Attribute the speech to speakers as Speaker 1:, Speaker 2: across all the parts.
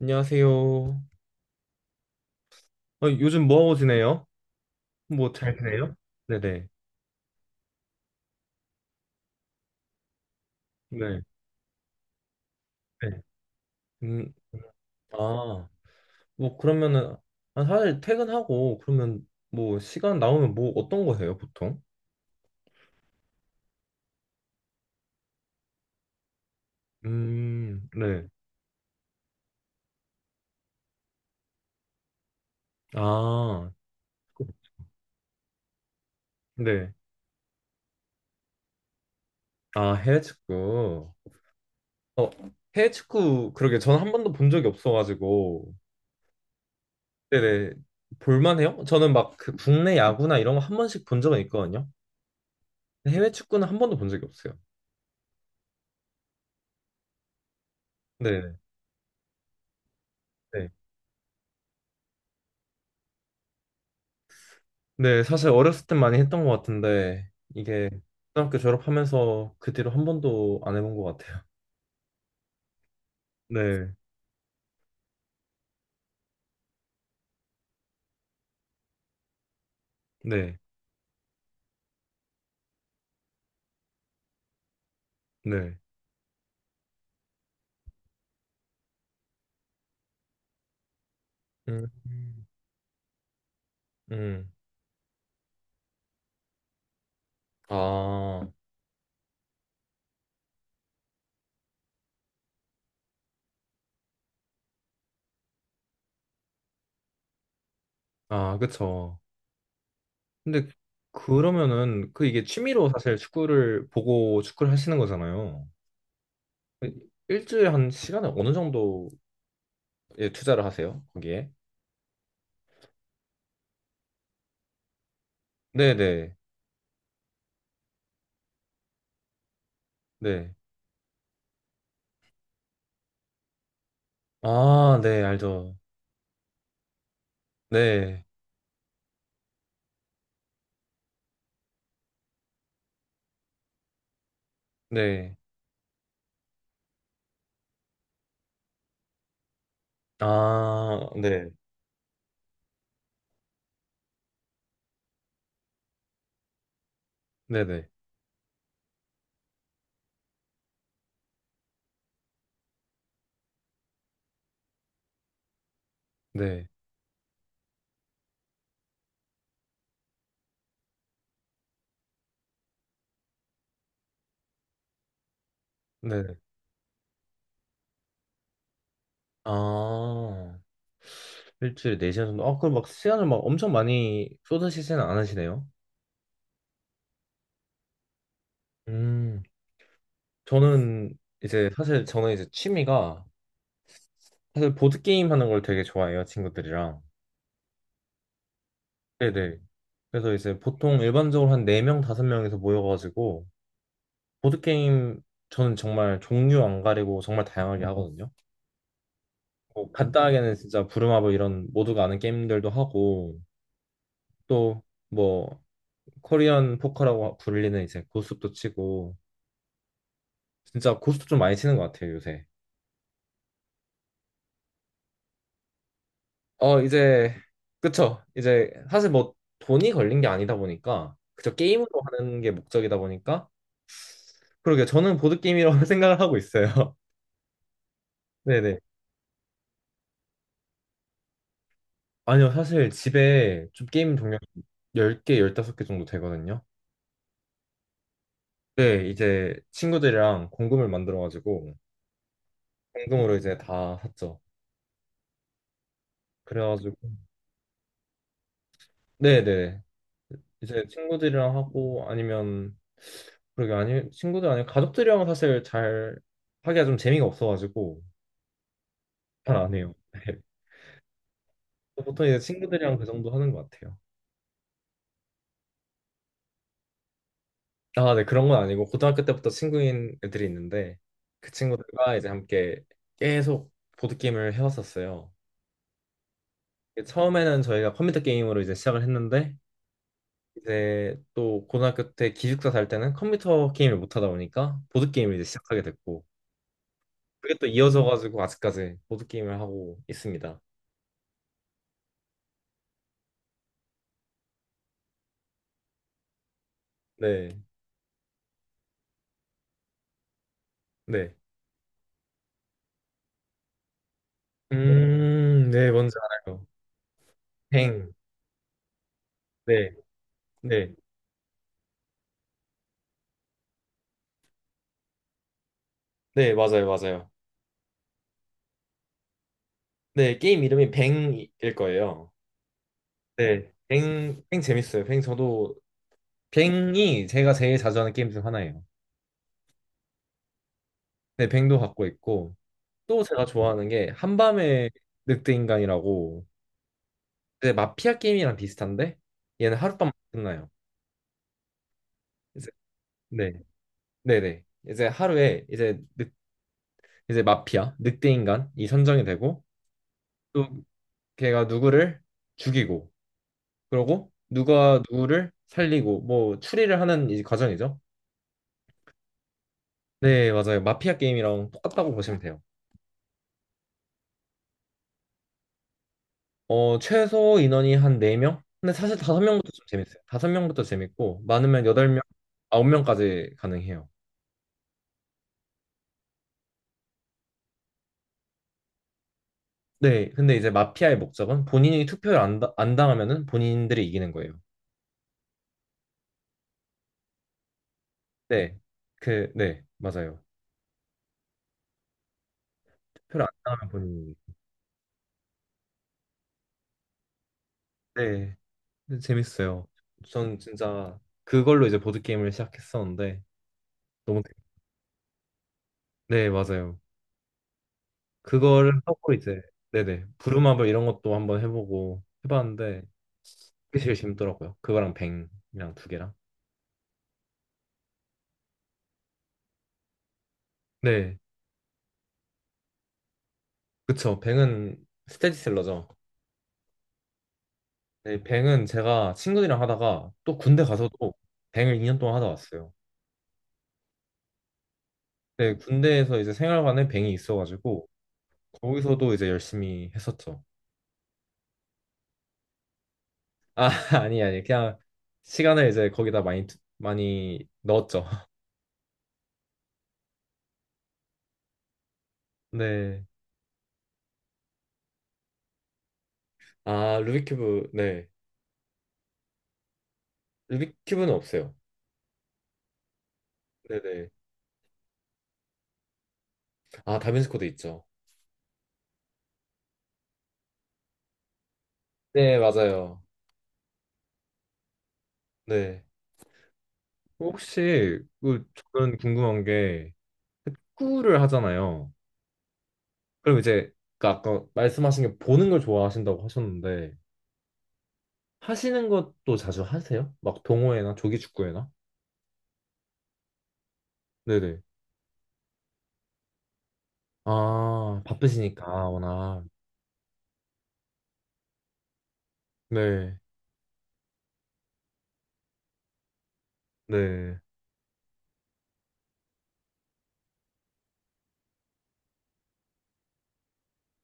Speaker 1: 안녕하세요. 요즘 뭐하고 지내요? 뭐 잘 지내요? 네네. 네. 네. 음, 아, 뭐 그러면은 아, 사실 퇴근하고 그러면 뭐 시간 나오면 뭐 어떤 거 해요, 보통? 네. 아, 네. 아, 해외 축구. 어, 해외 축구 그러게 저는 한 번도 본 적이 없어가지고. 네네. 볼만해요? 저는 막 그 국내 야구나 이런 거 한 번씩 본 적은 있거든요. 해외 축구는 한 번도 본 적이 없어요. 네. 네, 사실 어렸을 땐 많이 했던 것 같은데 이게 고등학교 졸업하면서 그 뒤로 한 번도 안 해본 것 같아요. 네, 네, 네. 음, 음. 아, 아, 그쵸. 근데 그러면은 그 이게 취미로 사실 축구를 보고 축구를 하시는 거잖아요. 일주일에 한 시간에 어느 정도에 투자를 하세요? 거기에? 네네, 네. 아, 네, 알죠. 네, 네. 아, 네, 네네, 네. 네. 네. 아, 일주일에 4시간 정도? 아, 그럼 막 시간을 막 엄청 많이 쏟으시지는 않으시네요? 음, 저는 저는 이제 취미가 사실 보드게임 하는 걸 되게 좋아해요, 친구들이랑. 네네. 그래서 이제 보통 일반적으로 한 4명, 5명에서 모여가지고 보드게임 저는 정말 종류 안 가리고 정말 다양하게 하거든요. 뭐 간단하게는 진짜 부루마블 이런 모두가 아는 게임들도 하고 또뭐 코리안 포커라고 불리는 이제 고스톱도 치고 진짜 고스톱 좀 많이 치는 것 같아요 요새. 이제 그쵸 이제 사실 뭐 돈이 걸린 게 아니다 보니까 그저 게임으로 하는 게 목적이다 보니까 그러게 저는 보드 게임이라고 생각을 하고 있어요. 네네. 아니요 사실 집에 좀 게임 종류 10개 15개 정도 되거든요. 네 이제 친구들이랑 공금을 만들어가지고 공금으로 이제 다 샀죠. 그래가지고 네네 이제 친구들이랑 하고 아니면 그러게 아니 친구들 아니면 가족들이랑 사실 잘 하기가 좀 재미가 없어가지고 잘 안 해요. 보통 이제 친구들이랑 그 정도 하는 것 같아요. 아, 네 그런 건 아니고 고등학교 때부터 친구인 애들이 있는데 그 친구들과 이제 함께 계속 보드 게임을 해왔었어요. 처음에는 저희가 컴퓨터 게임으로 이제 시작을 했는데 이제 또 고등학교 때 기숙사 살 때는 컴퓨터 게임을 못 하다 보니까 보드 게임을 이제 시작하게 됐고. 그게 또 이어져 가지고 아직까지 보드 게임을 하고 있습니다. 네. 네. 네, 뭔지 알아요. 뱅. 네. 네. 네, 맞아요. 맞아요. 네, 게임 이름이 뱅일 거예요. 네. 뱅, 뱅 재밌어요. 뱅 저도 뱅이 제가 제일 자주 하는 게임 중 하나예요. 네, 뱅도 갖고 있고 또 제가 좋아하는 게 한밤의 늑대인간이라고 이제 마피아 게임이랑 비슷한데 얘는 하룻밤 끝나요. 이제 네. 네네. 이제 하루에 이제 마피아, 늑대 인간이 선정이 되고 또 걔가 누구를 죽이고 그러고 누가 누구를 살리고 뭐 추리를 하는 이 과정이죠. 네, 맞아요. 마피아 게임이랑 똑같다고 보시면 돼요. 최소 인원이 한 4명? 근데 사실 5명부터 좀 재밌어요. 5명부터 재밌고 많으면 8명, 9명까지 가능해요. 네, 근데 이제 마피아의 목적은 본인이 투표를 안, 안 당하면은 본인들이 이기는 거예요. 네, 네, 맞아요. 투표를 안 당하면 본인이. 네. 근데 재밌어요. 전 진짜 그걸로 이제 보드게임을 시작했었는데 너무 재- 네, 맞아요. 그거를 하고 이제 네네 부루마블 이런 것도 한번 해보고 해봤는데 그게 제일 재밌더라고요. 그거랑 뱅이랑 두 개랑 네 그쵸 뱅은 스테디셀러죠. 네 뱅은 제가 친구들이랑 하다가 또 군대 가서도 뱅을 2년 동안 하다 왔어요. 네 군대에서 이제 생활관에 뱅이 있어가지고 거기서도 이제 열심히 했었죠. 아, 아니, 아니. 그냥 시간을 이제 거기다 많이, 많이 넣었죠. 네. 아, 루비큐브. 네. 루비큐브는 없어요. 네네. 아, 다빈치 코드 있죠. 네, 맞아요. 네. 혹시, 저는 궁금한 게, 축구를 하잖아요. 그럼 이제, 그 아까 말씀하신 게 보는 걸 좋아하신다고 하셨는데, 하시는 것도 자주 하세요? 막 동호회나 조기 축구회나? 네네. 아, 바쁘시니까, 워낙. 네. 네.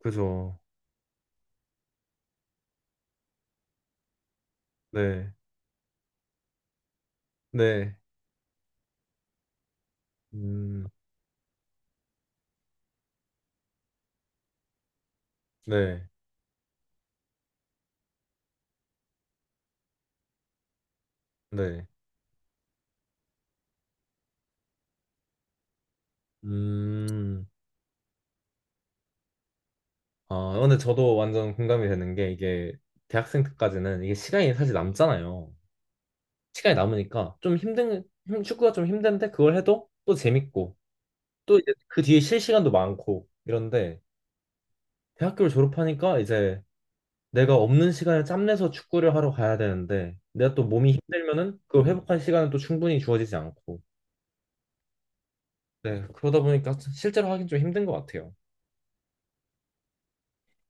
Speaker 1: 그죠. 네, 네, 음, 네, 네, 음, 아, 근데 저도 완전 공감이 되는 게 이게 대학생 때까지는 이게 시간이 사실 남잖아요. 시간이 남으니까 좀 힘든, 축구가 좀 힘든데 그걸 해도 또 재밌고 또 이제 그 뒤에 쉴 시간도 많고 이런데 대학교를 졸업하니까 이제 내가 없는 시간을 짬내서 축구를 하러 가야 되는데 내가 또 몸이 힘들면은 그걸 회복할 시간은 또 충분히 주어지지 않고 네, 그러다 보니까 실제로 하긴 좀 힘든 것 같아요.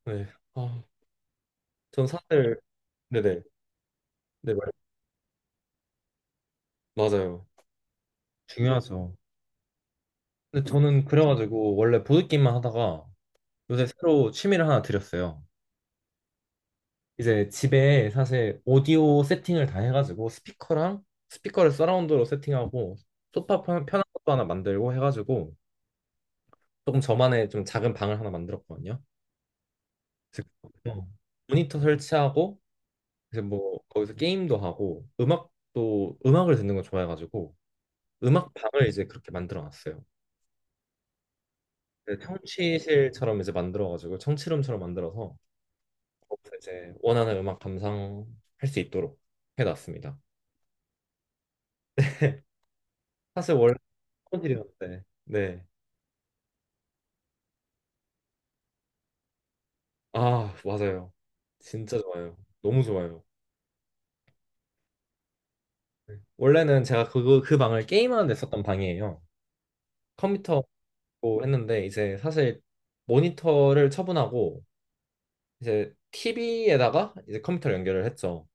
Speaker 1: 네. 아. 전 사실 네네 네 맞아요. 중요하죠. 근데 저는 그래가지고 원래 보드게임만 하다가 요새 새로 취미를 하나 들였어요. 이제 집에 사실 오디오 세팅을 다 해가지고 스피커랑 스피커를 서라운드로 세팅하고 소파 편한 것도 하나 만들고 해가지고 조금 저만의 좀 작은 방을 하나 만들었거든요. 그래서 어, 모니터 설치하고 이제 뭐 거기서 게임도 하고 음악도 음악을 듣는 거 좋아해가지고 음악 방을 이제 그렇게 만들어 놨어요. 그 청취실처럼 이제 만들어가지고 청취룸처럼 만들어서 거기서 이제 원하는 음악 감상할 수 있도록 해놨습니다. 사실 원래 사무실이었는데 네. 아 맞아요. 진짜 좋아요. 너무 좋아요. 네. 원래는 제가 그 방을 게임하는 데 썼던 방이에요. 컴퓨터로 했는데 이제 사실 모니터를 처분하고 이제 TV에다가 이제 컴퓨터를 연결을 했죠.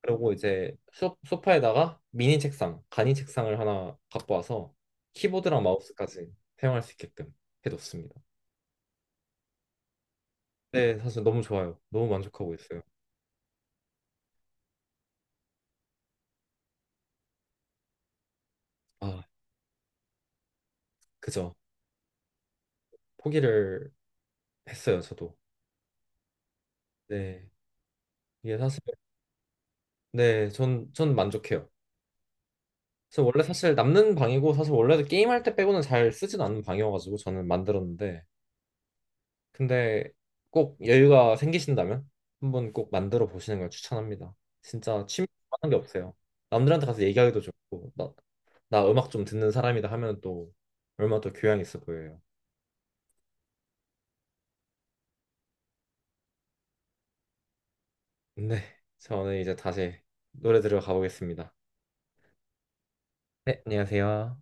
Speaker 1: 그리고 이제 소파에다가 미니 책상, 간이 책상을 하나 갖고 와서 키보드랑 마우스까지 사용할 수 있게끔 해뒀습니다. 네, 사실 너무 좋아요. 너무 만족하고 있어요. 아, 그죠. 포기를 했어요, 저도. 네, 이게 사실, 네, 전 만족해요. 저 원래 사실 남는 방이고, 사실 원래도 게임할 때 빼고는 잘 쓰진 않는 방이어가지고 저는 만들었는데, 근데 꼭 여유가 생기신다면 한번 꼭 만들어 보시는 걸 추천합니다. 진짜 취미하는 게 없어요. 남들한테 가서 얘기하기도 좋고 나 음악 좀 듣는 사람이다 하면 또 얼마나 또 교양 있어 보여요. 네, 저는 이제 다시 노래 들으러 가보겠습니다. 네, 안녕하세요.